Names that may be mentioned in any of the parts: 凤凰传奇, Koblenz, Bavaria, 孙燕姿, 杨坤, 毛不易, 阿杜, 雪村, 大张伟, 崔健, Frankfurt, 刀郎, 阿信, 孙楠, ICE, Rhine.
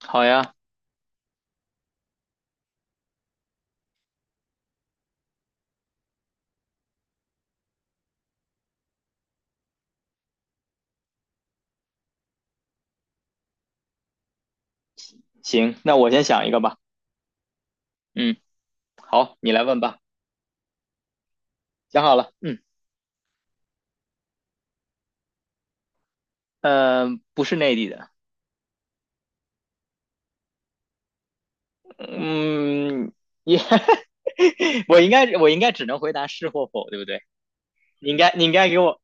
好呀，行，那我先想一个吧。嗯，好，你来问吧。想好了，嗯，呃，不是内地的。嗯，也，我应该只能回答是或否，对不对？你应该给我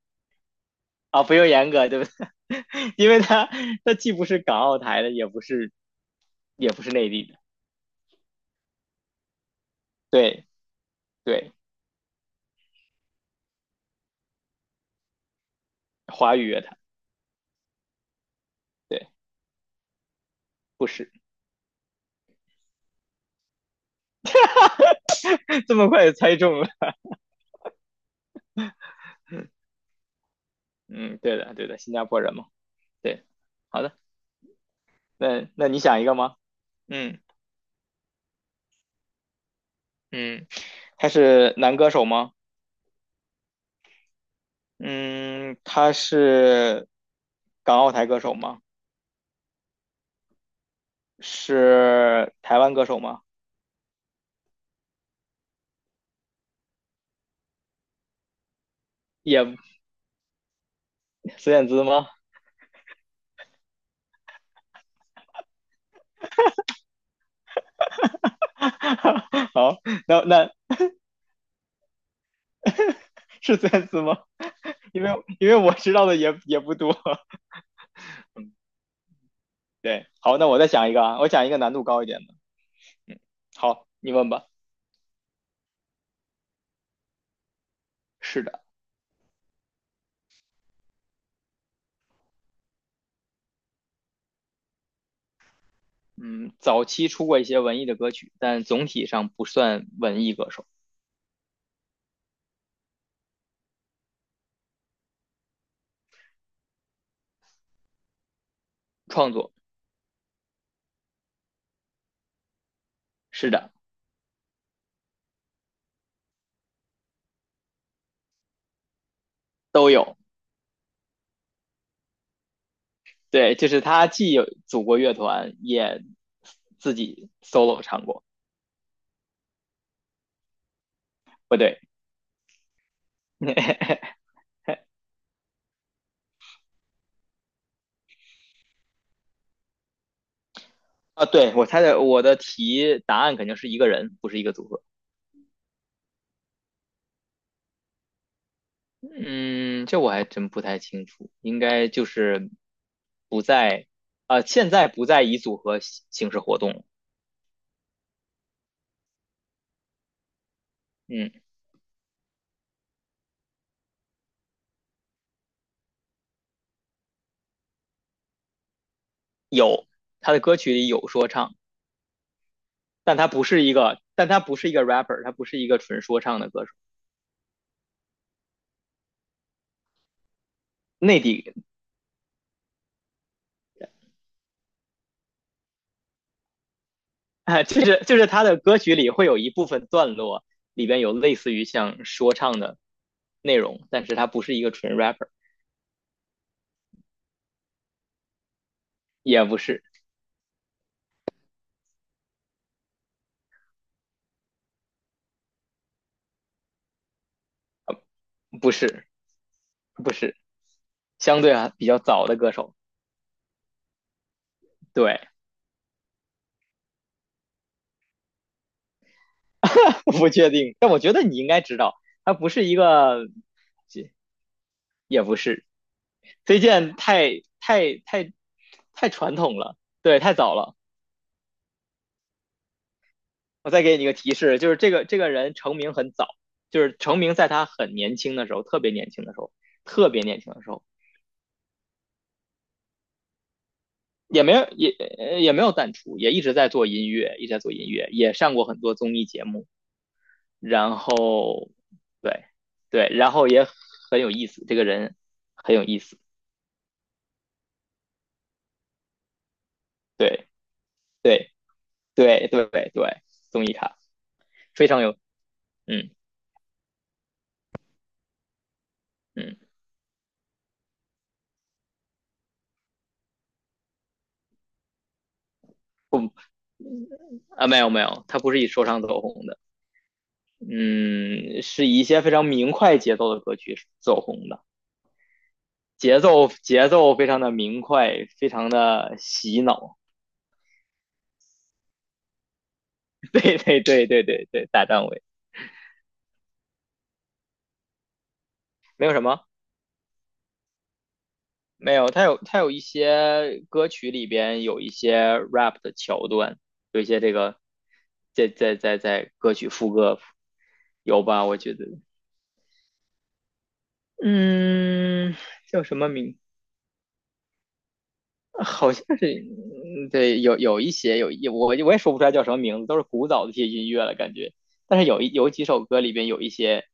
啊，不用严格，对不对？因为他既不是港澳台的，也不是内地的。对对，华语乐坛。对，不是。这么快就猜中了。嗯，对的对的，新加坡人嘛。对，好的，那你想一个吗？嗯。嗯，他是男歌手吗？嗯，他是港澳台歌手吗？是台湾歌手吗？也孙燕姿吗？好，那是孙燕姿吗？因为因为我知道的也不多。对，好，那我再想一个啊，我讲一个难度高一点的。好，你问吧。是的。嗯，早期出过一些文艺的歌曲，但总体上不算文艺歌手。创作。是的。都有。对，就是他既有组过乐团，也自己 solo 唱过。不对。啊，对，我猜的，我的题答案肯定是一个人，不是一个组合。嗯，这我还真不太清楚，应该就是不在，现在不再以组合形式活动了。嗯，有。他的歌曲里有说唱，但他不是一个 rapper，他不是一个纯说唱的歌手。内地。 啊，就是他的歌曲里会有一部分段落里边有类似于像说唱的内容，但是他不是一个纯 rapper。也不是，不是，不是，相对啊比较早的歌手。对。我不确定，但我觉得你应该知道。他不是一个，也也不是。崔健太太太太传统了。对，太早了。我再给你一个提示，就是这个人成名很早，就是成名在他很年轻的时候，特别年轻的时候，特别年轻的时候。也没有也也没有淡出，也一直在做音乐，一直在做音乐。也上过很多综艺节目，然后，对对，然后也很有意思，这个人很有意思。对对对对对对，综艺咖。非常有。嗯嗯。啊，没有没有，他不是以说唱走红的。嗯，是以一些非常明快节奏的歌曲走红的。节奏非常的明快，非常的洗脑。对对对对对对，大张伟。没有什么，没有他有一些歌曲里边有一些 rap 的桥段，有一些这个在歌曲副歌。有吧？我觉得。嗯，叫什么名？好像是。嗯对，有一些我也说不出来叫什么名字，都是古早的一些音乐了感觉。但是有几首歌里边有一些，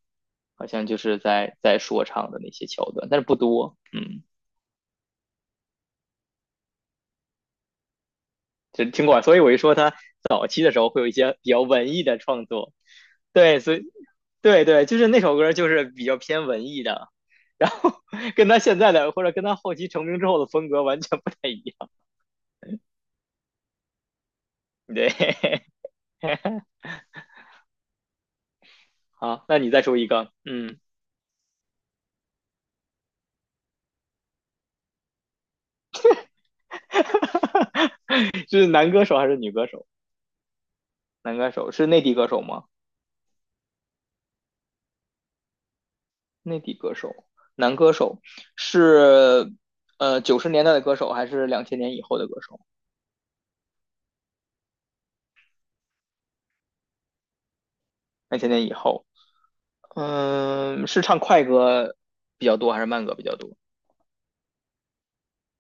好像就是在说唱的那些桥段，但是不多。嗯，就听过。所以我一说他早期的时候会有一些比较文艺的创作。对，所以。对对。就是那首歌就是比较偏文艺的，然后 跟他现在的或者跟他后期成名之后的风格完全不太一样。对。好，那你再说一个。嗯。哈哈，是男歌手还是女歌手？男歌手是内地歌手吗？内地歌手，男歌手是90年代的歌手还是两千年以后的歌手？两千年以后。嗯，是唱快歌比较多还是慢歌比较多？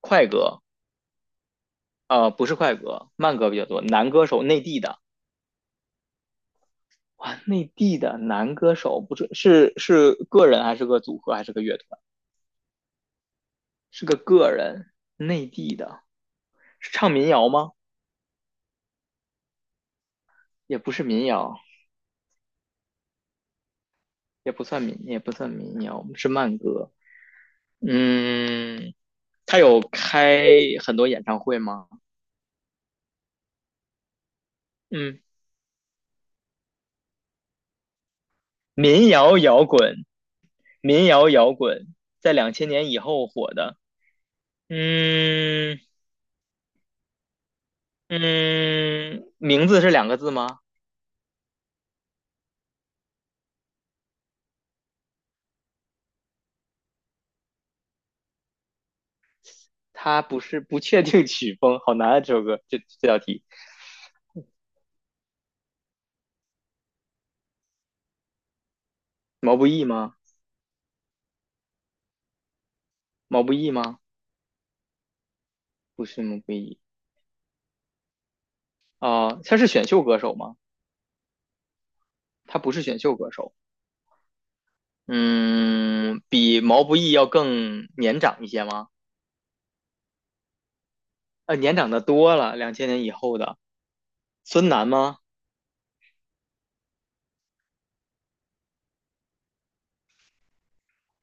快歌。不是快歌，慢歌比较多。男歌手，内地的。哇，内地的男歌手。不是是是个人还是个组合还是个乐团？是个人，内地的。是唱民谣吗？也不是民谣。也不算民谣，是慢歌。嗯，他有开很多演唱会吗？嗯，民谣摇滚，民谣摇滚在两千年以后火的。嗯嗯，名字是两个字吗？他不是不确定曲风，好难啊！这首歌这这道题。毛不易吗？毛不易吗？不是毛不易啊，他是选秀歌手吗？他不是选秀歌手。嗯，比毛不易要更年长一些吗？年长的多了，两千年以后的孙楠吗？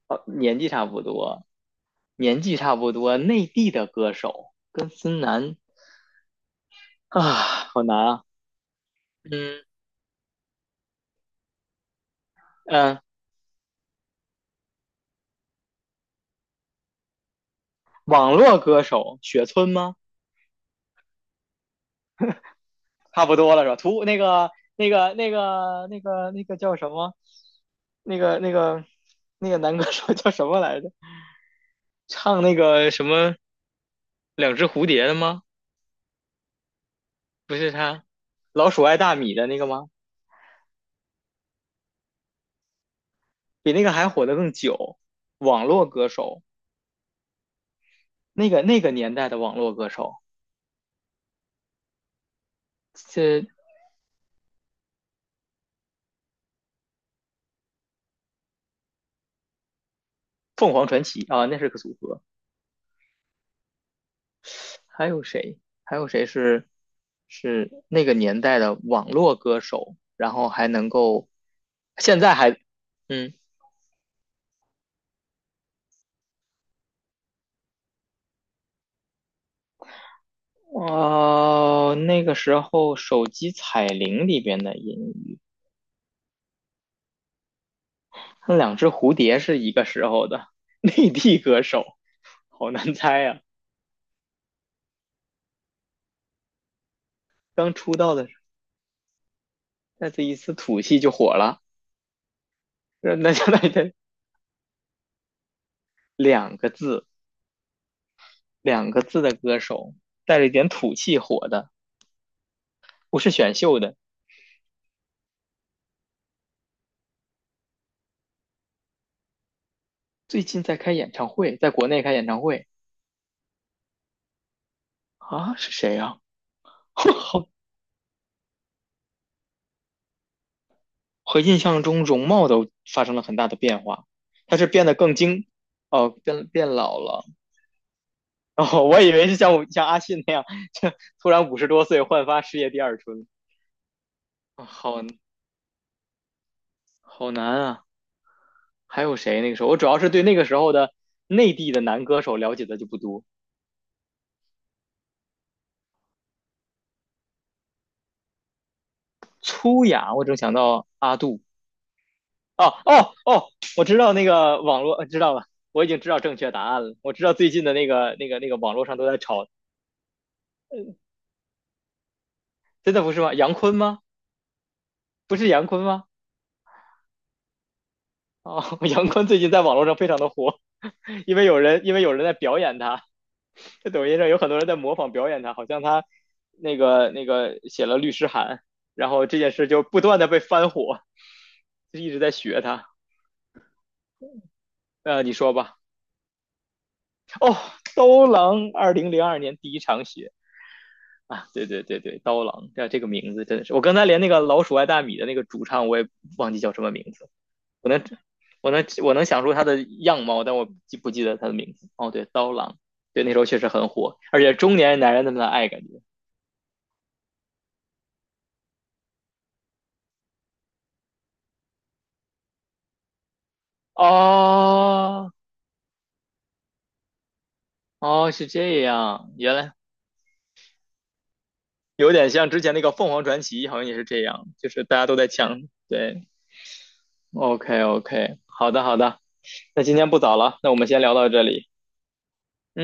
年纪差不多，年纪差不多，内地的歌手跟孙楠啊，好难啊。嗯嗯，网络歌手雪村吗？差不多了是吧？那个叫什么？那个那个那个男歌手叫什么来着？唱那个什么两只蝴蝶的吗？不是他。老鼠爱大米的那个吗？比那个还火的更久，网络歌手。那个年代的网络歌手。是凤凰传奇啊，那是个组合。还有谁？还有谁是那个年代的网络歌手？然后还能够现在还。嗯哦，那个时候手机彩铃里边的音域，那两只蝴蝶是一个时候的 内地歌手。好难猜啊。刚出道的时候，那这一丝土气就火了。那就那个两个字，两个字的歌手带着一点土气火的，不是选秀的。最近在开演唱会，在国内开演唱会啊，是谁呀，啊？和印象中容貌都发生了很大的变化。他是变得更精，哦，变老了。哦，我以为是像阿信那样，就突然50多岁焕发事业第二春啊。好好难啊。还有谁？那个时候我主要是对那个时候的内地的男歌手了解的就不多。粗雅，我正想到阿杜。哦哦哦，我知道那个网络，知道了，我已经知道正确答案了。我知道最近的那个网络上都在吵。真的不是吗？杨坤吗？不是杨坤吗？哦，杨坤最近在网络上非常的火，因为有人在表演他。在抖音上有很多人在模仿表演他，好像他那个写了律师函，然后这件事就不断的被翻火，就一直在学他。你说吧。哦，刀郎2002年第一场雪啊，对对对对，刀郎这个名字真的是，我刚才连那个老鼠爱大米的那个主唱我也忘记叫什么名字，我能我能想出他的样貌，但我记不记得他的名字？哦，对，刀郎。对，那时候确实很火，而且中年男人那么的爱感觉。哦。哦，是这样，原来有点像之前那个凤凰传奇，好像也是这样，就是大家都在抢。对，OK OK，好的好的，那今天不早了，那我们先聊到这里。嗯。